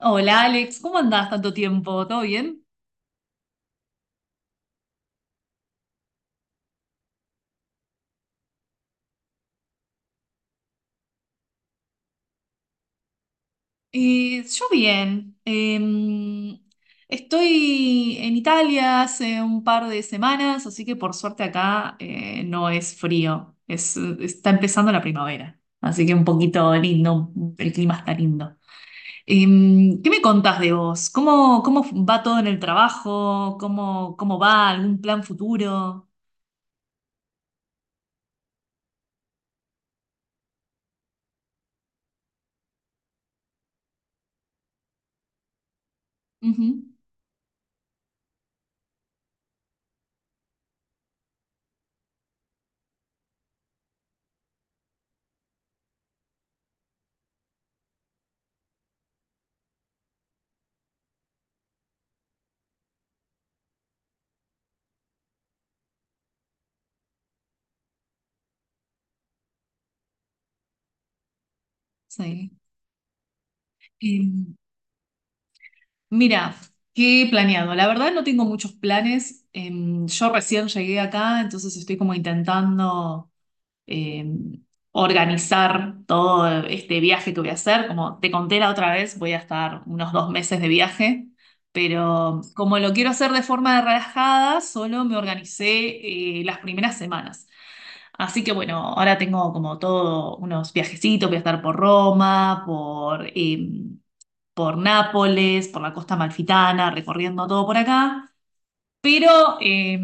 Hola Alex, ¿cómo andás tanto tiempo? ¿Todo bien? Yo bien. Estoy en Italia hace un par de semanas, así que por suerte acá no es frío. Es, está empezando la primavera, así que un poquito lindo, el clima está lindo. ¿Qué me contás de vos? ¿Cómo va todo en el trabajo? ¿Cómo va algún plan futuro? Ujú, sí. Em, Mira, ¿qué he planeado? La verdad no tengo muchos planes. Yo recién llegué acá, entonces estoy como intentando em, organizar todo este viaje que voy a hacer. Como te conté la otra vez, voy a estar unos dos meses de viaje, pero como lo quiero hacer de forma relajada, solo me organicé las primeras semanas. Así que bueno, ahora tengo como todo unos viajecitos, voy a estar por Roma, por Nápoles, por la costa malfitana, recorriendo todo por acá. Pero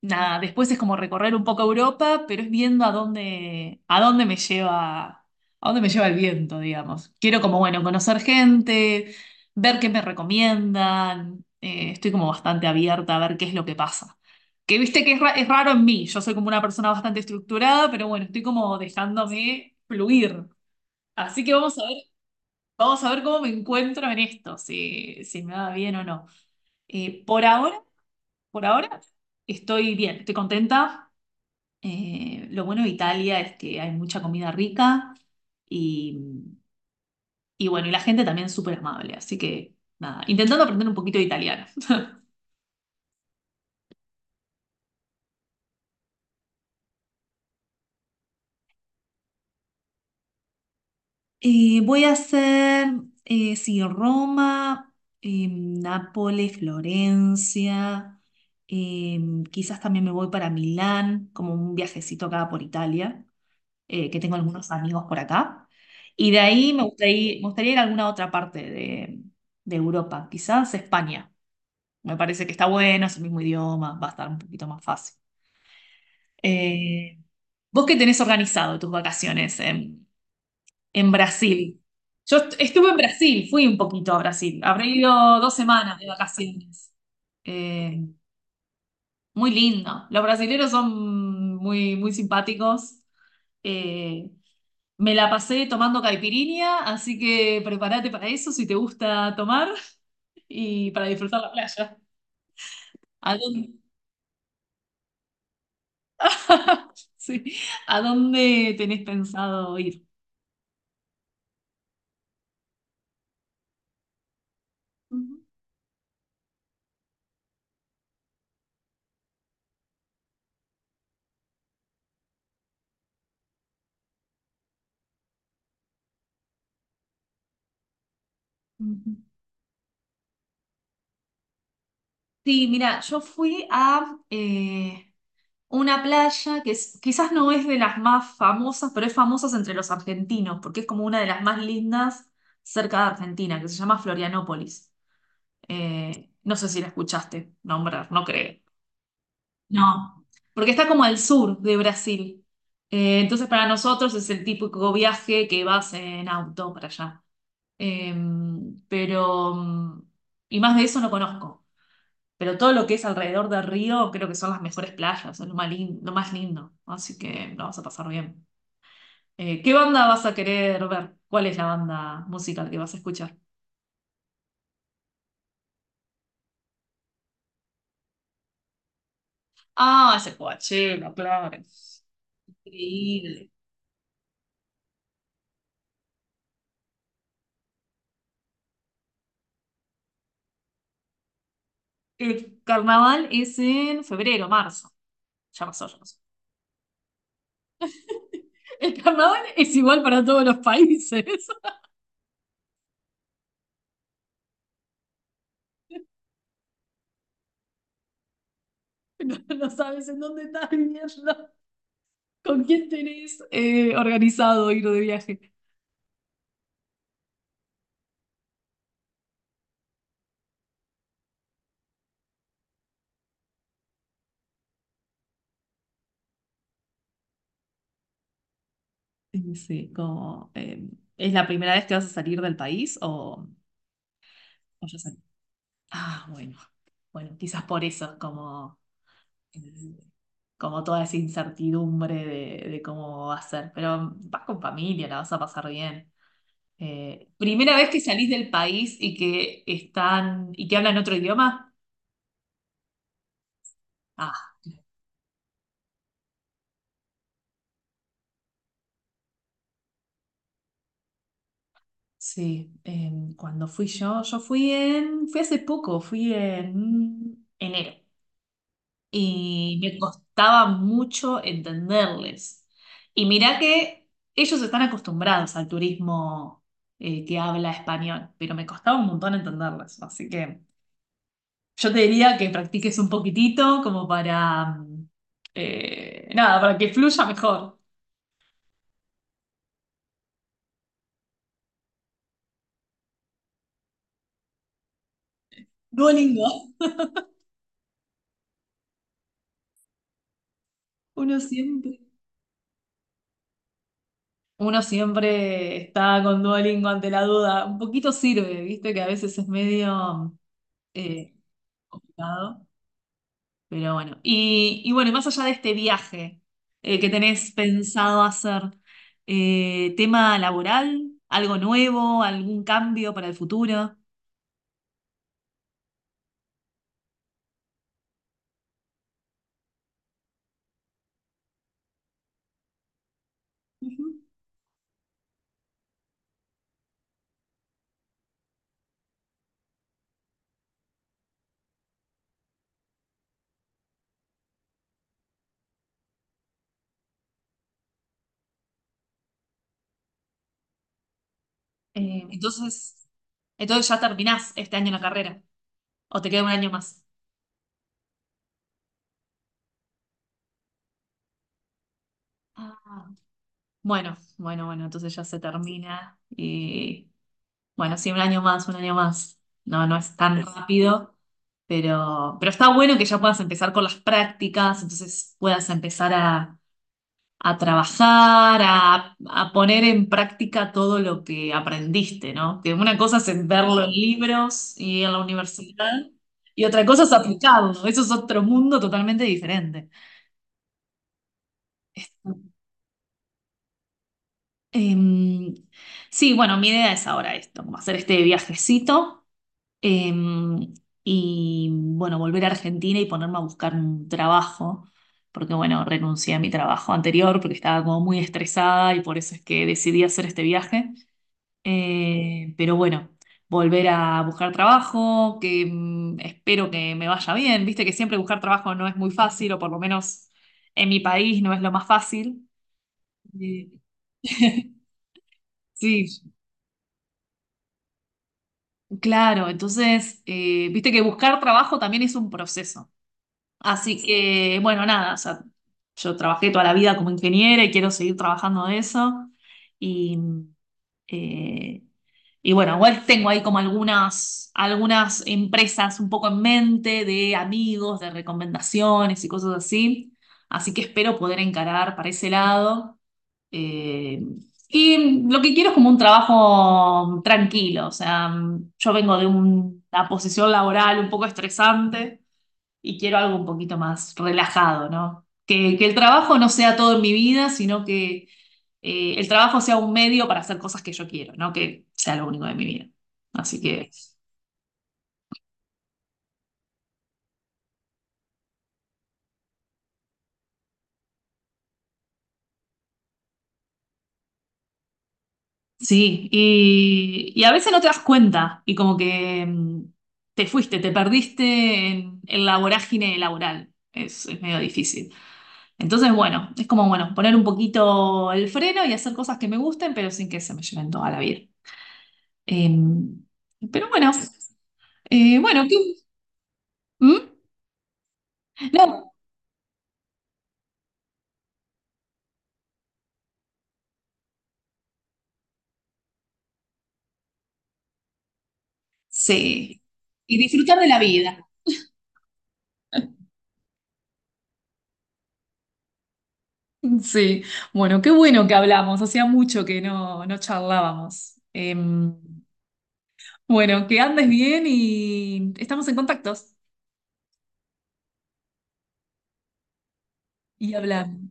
nada, después es como recorrer un poco Europa, pero es viendo a dónde, a dónde me lleva el viento, digamos. Quiero como, bueno, conocer gente, ver qué me recomiendan. Estoy como bastante abierta a ver qué es lo que pasa. Que viste que es, es raro en mí, yo soy como una persona bastante estructurada, pero bueno, estoy como dejándome fluir. Así que vamos a ver. Vamos a ver cómo me encuentro en esto, si me va bien o no. Eh, por ahora, por ahora estoy bien, estoy contenta. Lo bueno de Italia es que hay mucha comida rica y, y bueno, y la gente también es súper amable, así que nada, intentando aprender un poquito de italiano. Eh, voy a hacer, sí, Roma, Nápoles, Florencia, eh, quizás también me voy para Milán, como un viajecito acá por Italia. Que tengo algunos amigos por acá. Y de ahí me gustaría ir a alguna otra parte de Europa, quizás España. Me parece que está bueno, es el mismo idioma, va a estar un poquito más fácil. Eh, ¿Vos qué tenés organizado tus vacaciones en Brasil? Yo estuve en Brasil, fui un poquito a Brasil. Habré ido dos semanas de vacaciones. Eh, Muy lindo. Los brasileños son muy, muy simpáticos. Eh, Me la pasé tomando caipirinha, así que prepárate para eso si te gusta tomar y para disfrutar la playa. ¿A dónde, sí, ¿a dónde tenés pensado ir? Ujú, ujú. Sí, mira, yo fui a una playa que quizás no es de las más famosas, pero es famosa entre los argentinos, porque es como una de las más lindas cerca de Argentina, que se llama Florianópolis. No sé si la escuchaste nombrar, no creo. No, porque está como al sur de Brasil. Entonces para nosotros es el típico viaje que vas en auto para allá. Eh, pero, mm, y más de eso no conozco. Pero todo lo que es alrededor del río creo que son las mejores playas, es lo más lindo, lo más lindo. Así que lo vas a pasar bien. ¿Qué banda vas a querer ver? ¿Cuál es la banda musical que vas a escuchar? Ah, ese Coachella, claro. Increíble. El carnaval es en febrero, marzo. Ya pasó, ya pasó. El carnaval es igual para todos los países. No sabes en dónde estás viviendo, con quién tenés organizado ir de viaje. Y sí, como, ¿es la primera vez que vas a salir del país o ya salí? Ah, bueno, bueno, quizás por eso, es como, eh, como toda esa incertidumbre de cómo va a ser. Pero vas con familia, la vas a pasar bien. ¿Primera vez que salís del país y que están y que hablan otro idioma? Ah. Sí, cuando fui yo, fui hace poco, fui en enero y me costaba mucho entenderles. Y mirá que ellos están acostumbrados al turismo que habla español, pero me costaba un montón entenderles. Así que yo te diría que practiques un poquitito como para, nada, para que fluya mejor. Duolingo. Uno siempre. Uno siempre está con Duolingo ante la duda. Un poquito sirve, viste, que a veces es medio eh, complicado. Pero bueno. Y bueno, y más allá de este viaje que tenés pensado hacer, tema laboral, algo nuevo, algún cambio para el futuro. Ujú. Eh, entonces, entonces ya terminás este año la carrera. ¿O te queda un año más? Ah. Bueno, bueno, bueno, entonces ya se termina. Y bueno, sí, un año más, un año más. No, no es tan rápido, pero está bueno que ya puedas empezar con las prácticas, entonces puedas empezar a trabajar, a poner en práctica todo lo que aprendiste, ¿no? Que una cosa es verlo en claro, libros y en la universidad, y otra cosa es aplicarlo. Eso es otro mundo totalmente diferente. Este, em, sí, bueno, mi idea es ahora esto, como hacer este viajecito. Em, y bueno, volver a Argentina y ponerme a buscar un trabajo, porque bueno, renuncié a mi trabajo anterior porque estaba como muy estresada y por eso es que decidí hacer este viaje. Pero bueno, volver a buscar trabajo, que espero que me vaya bien. Viste que siempre buscar trabajo no es muy fácil, o por lo menos en mi país no es lo más fácil. Eh, sí, claro, entonces, viste que buscar trabajo también es un proceso. Así que, bueno, nada, o sea, yo trabajé toda la vida como ingeniera y quiero seguir trabajando de eso. Y, eh, y bueno, igual tengo ahí como algunas, algunas empresas un poco en mente de amigos, de recomendaciones y cosas así. Así que espero poder encarar para ese lado. Eh, y lo que quiero es como un trabajo tranquilo. O sea, yo vengo de una posición laboral un poco estresante y quiero algo un poquito más relajado, ¿no? Que el trabajo no sea todo en mi vida, sino que el trabajo sea un medio para hacer cosas que yo quiero, no que sea lo único de mi vida. Así que sí, y a veces no te das cuenta y como que te fuiste, te perdiste en la vorágine laboral. Es medio difícil. Entonces, bueno, es como, bueno, poner un poquito el freno y hacer cosas que me gusten, pero sin que se me lleven toda la vida. Em, pero bueno, bueno, qué? ¿Mm? No, sí. Y disfrutar de la vida. Sí, bueno, qué bueno que hablamos, hacía mucho que no, no charlábamos. Bueno, que andes bien y estamos en contactos y hablamos.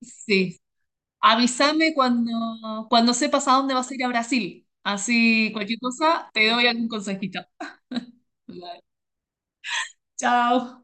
Sí, avísame cuando, cuando sepas a dónde vas a ir a Brasil, así cualquier cosa te doy algún consejito. Vale. Chao.